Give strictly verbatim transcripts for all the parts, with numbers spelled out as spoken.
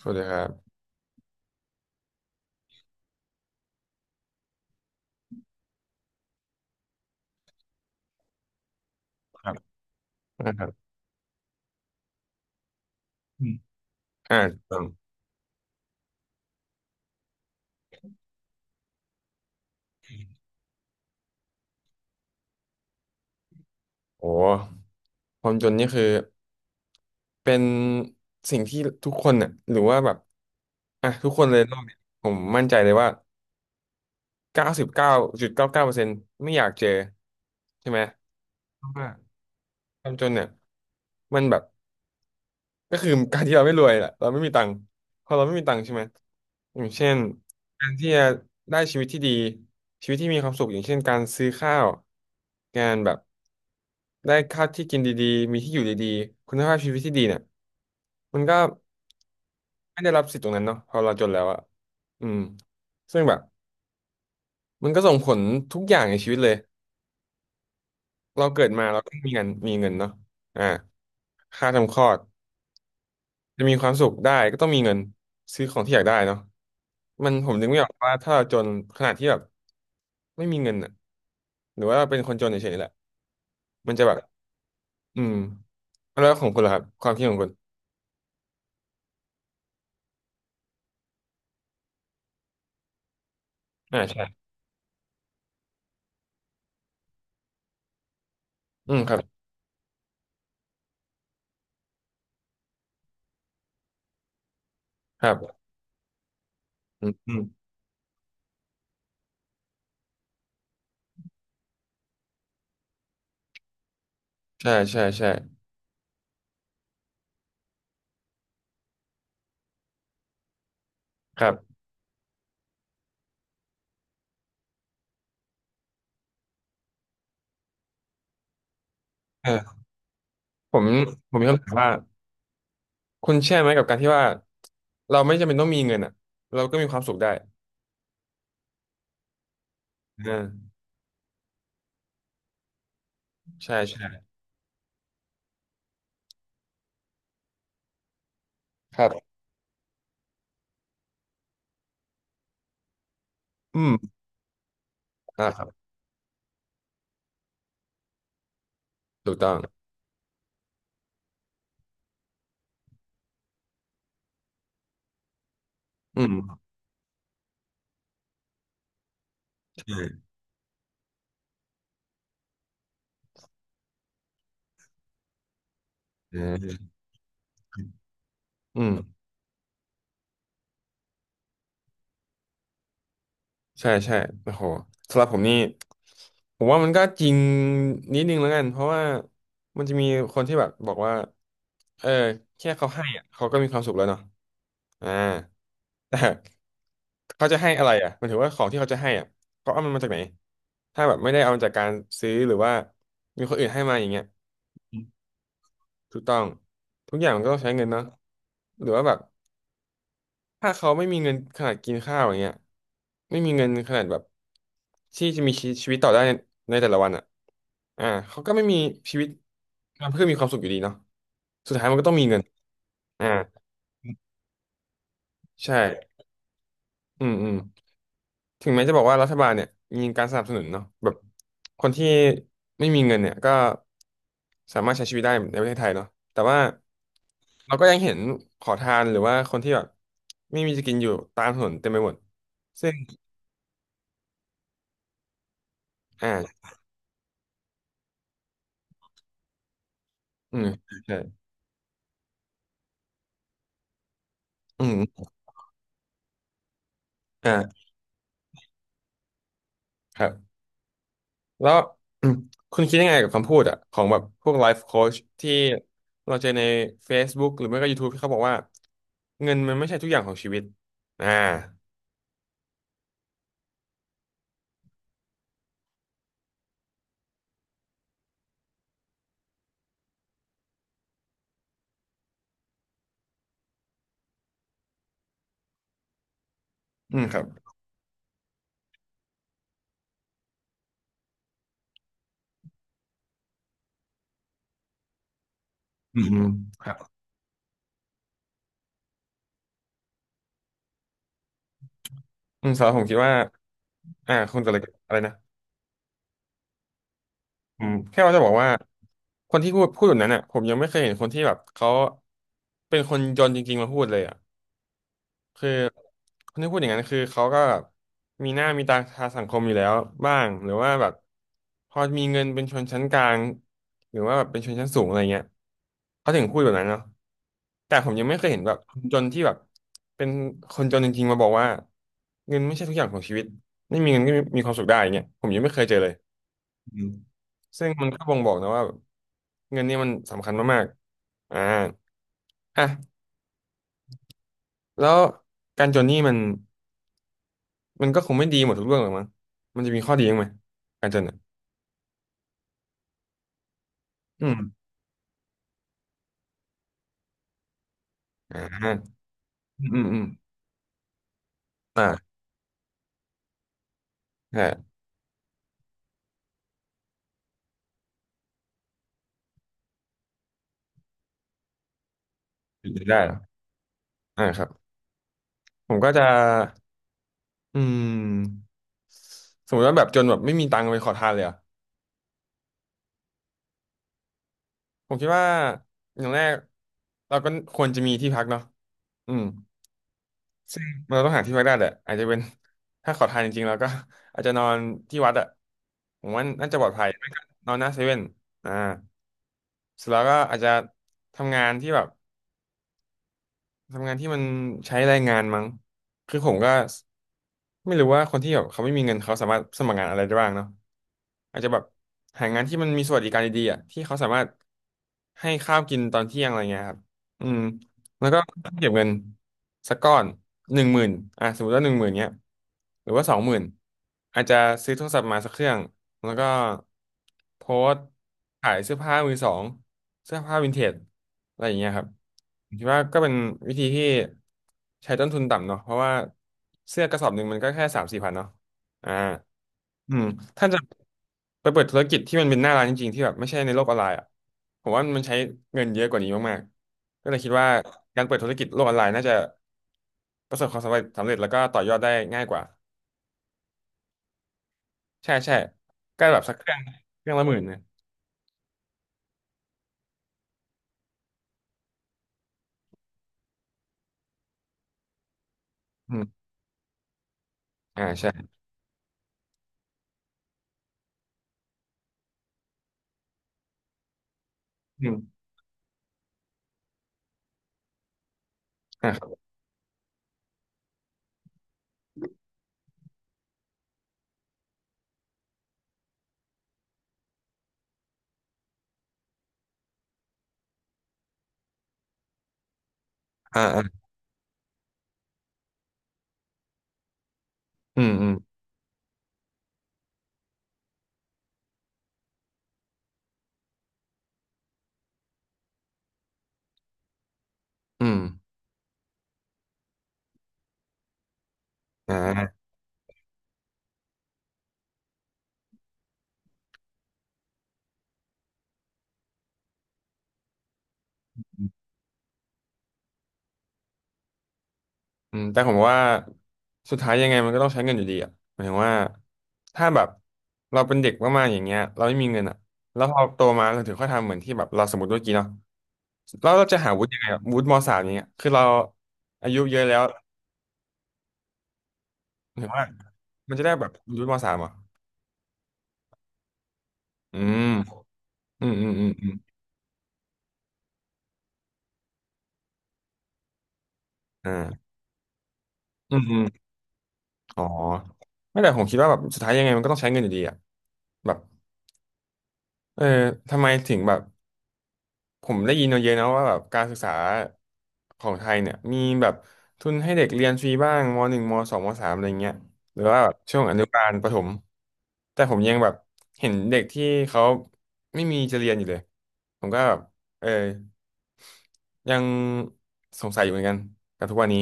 สวัสดีครับครับนะครับอืมอ่าครับโอ้ความจนนี่คือ เป็นสิ่งที่ทุกคนน่ะหรือว่าแบบ อ่ะ ทุกคนเลยโลกเนี่ยผมมั่นใจเลยว่าเก้าสิบเก้าจุดเก้าเก้าเปอร์เซ็นต์ไม่อยากเจอ ใช่ไหมเพราะว่าความจนเนี่ย มันแบบ ก็คือการที่เราไม่รวยแหละเราไม่มีตังค์พอเราไม่มีตังค์ใช่ไหมอย่างเช่นการที่จะได้ชีวิตที่ดีชีวิตที่มีความสุขอย่างเช่นการซื้อข้าวการแบบได้ข้าวที่กินดีๆมีที่อยู่ดีๆคุณภาพชีวิตที่ดีเนี่ยมันก็ไม่ได้รับสิทธิ์ตรงนั้นเนาะพอเราจนแล้วอะอืมซึ่งแบบมันก็ส่งผลทุกอย่างในชีวิตเลยเราเกิดมาเราก็มีเงินมีเงินเนาะอ่าค่าทำคลอด จะมีความสุขได้ก็ต้องมีเงินซื้อของที่อยากได้เนาะมันผมนึกไม่ออกว่าถ้าเราจนขนาดที่แบบไม่มีเงินอ่ะหรือว่าเป็นคนจนเฉยๆแหละมันจะแบบอืมแล้วของคุณล่ะครับความคิดของคุณอ่าใช่อืมครับครับอืมอืมใช่ใช่ใช่ครับเออผมผมมีคำถามว่าคุณเชื่อไหมกับการที่ว่าเราไม่จำเป็นต้องมีเงินอ่ะเราก็มีความสุขได้อ่าใช่ใช่ครับอืมอ่าครับถูกต้องอืมใช่เอืมอืม ใช่ใช่โอ้โหสำหรับผมนี่ผมว่ามันก็จริงนิดนึงแล้วกันเพราะว่ามันจะมีคนที่แบบบอกว่าเออแค่เขาให้อะเขาก็มีความสุขแล้วเนาะอ่าแต่เขาจะให้อะไรอ่ะหมันถือว่าของที่เขาจะให้อ่ะเขาเอามันมาจากไหนถ้าแบบไม่ได้เอามาจากการซื้อหรือว่ามีคนอื่นให้มาอย่างเงี้ยถูกต้องทุกอย่างมันก็ต้องใช้เงินเนาะหรือว่าแบบ ถ้าเขาไม่มีเงินขนาดกินข้าวอย่างเงี้ยไม่มีเงินขนาดแบบที่จะมีชีชีวิตต่อได้ในในแต่ละวันอ่ะอ่าเขาก็ไม่มีชีวิตเพื่อมีความสุขอยู่ดีเนาะสุดท้ายมันก็ต้องมีเงินอ่าใช่อืมอืมถึงแม้จะบอกว่ารัฐบาลเนี่ยมีการสนับสนุนเนาะแบบคนที่ไม่มีเงินเนี่ยก็สามารถใช้ชีวิตได้ในประเทศไทยเนาะแต่ว่าเราก็ยังเห็นขอทานหรือว่าคนที่แบบไม่มีจะกินอยู่ตามถนนเต็มไปหมดซึ่งอ่า อืมใช่อืมอ่าครับแล้ว คุณคิดยังไงกับคำพูดอ่ะของแบบพวกไลฟ์โค้ชที่เราเจอใน เฟซบุ๊ก หรือไม่ก็ ยูทูบ ที่เขาบอกว่าเงินมันไม่ใช่ทุกอย่างของชีวิตอ่าอืมครับอืมอืมครับอืมสำหรับผมคิดว่าอ่าคุณจะอะไรอะไรนะอืมแค่ว่าจะบอกว่าคนที่พูดพูดแบบนั้นอ่ะผมยังไม่เคยเห็นคนที่แบบเขาเป็นคนจนจริงๆมาพูดเลยอ่ะ คือคนที่พูดอย่างนั้นคือเขาก็มีหน้ามีตาทางสังคมอยู่แล้วบ้างหรือว่าแบบพอมีเงินเป็นชนชั้นกลางหรือว่าแบบเป็นชนชั้นสูงอะไรเงี้ยเขาถึงพูดแบบนั้นเนาะแต่ผมยังไม่เคยเห็นแบบคนจนที่แบบเป็นคนจนจริงๆมาบอกว่าเงินไม่ใช่ทุกอย่างของชีวิตไม่มีเงินก็มีความสุขได้อย่างเงี้ยผมยังไม่เคยเจอเลยอืมซึ่งมันก็บ่งบอกนะว่าแบบเงินเนี่ยมันสำคัญมากๆอ่าอ่ะแล้วการจนนี่มัน มันก็คงไม่ดีหมดทุกเรื่องหรอกมั้งมันจะมีข้อดีบ้างไหมการจนอะอืมอ่าอืมอืมอืมอ่าใช่ได้เหรออ่าครับผมก็จะอืมสมมติว่าแบบจนแบบไม่มีตังค์ไปขอทานเลยอ่ะผมคิดว่าอย่างแรกเราก็ควรจะมีที่พักเนาะอืมซึ่งเราต้องหาที่พักได้แหละอาจจะเป็น ถ้าขอทานจริงๆเราก็ อาจจะนอนที่วัดอ่ะผมว่าน่าจะปลอดภัยไม่ก็นอนหน้าเซเว่นอ่าเสร็จแล้วก็อาจจะทำงานที่แบบ ทำงานที่มันใช้แรงงานมั้งคือผมก็ไม่รู้ว่าคนที่แบบเขาไม่มีเงินเขาสามารถสมัครงานอะไรได้บ้างเนาะอาจจะแบบหางานที่มันมีสวัสดิการดีๆอ่ะที่เขาสามารถให้ข้าวกินตอนเที่ยงอะไรเงี้ยครับอืมแล้วก็เก็บเงินสักก้อนหนึ่งหมื่นอ่ะสมมติว่าหนึ่งหมื่นเนี้ยหรือว่าสองหมื่นอาจจะซื้อโทรศัพท์มาสักเครื่องแล้วก็โพสต์ขายเสื้อผ้ามือสองเสื้อผ้าวินเทจ อะไรอย่างเงี้ยครับผมคิดว่าก็เป็นวิธีที่ใช้ต้นทุนต่ำเนาะเพราะว่าเสื้อกระสอบหนึ่งมันก็แค่สามสี่พันเนาะอ่าอืมถ้าจะไปเปิดธุรกิจที่มันเป็นหน้าร้านจริงๆที่แบบไม่ใช่ในโลกออนไลน์อ่ะผมว่ามันใช้เงินเยอะกว่านี้มากๆก็เลยคิดว่าการเปิดธุรกิจโลกออนไลน์น่าจะประสบความสำเร็จสำเร็จแล้วก็ต่อยอดได้ง่ายกว่าใช่ใช่ก็แบบสักเครื่องเครื่องละหมื่นนะอืมอ่าใช่อืมอ่าอ่าอ่าอืมอืมอืมอ่า อืมแต่ผมว่าสุดท้ายยังไงมันก็ต้องใช้เงินอยู่ดีอ่ะหมายถึงว่าถ้าแบบเราเป็นเด็กมากๆอย่างเงี้ยเราไม่มีเงินอ่ะแล้วพอโตมาเราถึงค่อยทำเหมือนที่แบบเราสมมติเมื่อกี้เนาะแล้วเราจะหาวุฒิยังไงอะวุฒิมสามอย่างเงี้ยคือเราอายุเยอะแล้วหมายถึงว่ามันจะได้แบบวุฒิมสามเหรอ่ะอืมอืมอืมอืมอืมอ่าอืมอืมอ๋อไม่แต่ผมคิดว่าแบบสุดท้ายยังไงมันก็ต้องใช้เงินอยู่ดีอ่ะแบบเออทำไมถึงแบบ ผมได้ยินมาเยอะนะว่าแบบการศึกษาของไทยเนี่ยมีแบบทุนให้เด็กเรียนฟรีบ้างม หนึ่ง ม สอง ม สามอะไรเงี้ยหรือว่าแบบช่วงอนุบาลประถมแต่ผมยังแบบเห็นเด็กที่เขาไม่มีจะเรียนอยู่เลยผมก็แบบเออยังสงสัยอยู่เหมือนกันกับทุกวันนี้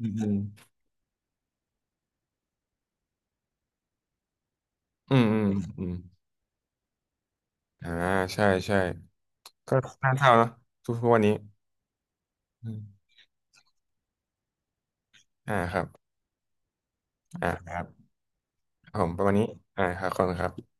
อืมอืมอืมอืมอืมอ่าใช่ใช่ก็น่าเศร้าเนาะทุกทุกวันนี้อืมอ่าครับอ่าครับผมประมาณนี้อ่าครับขอบคุณครับ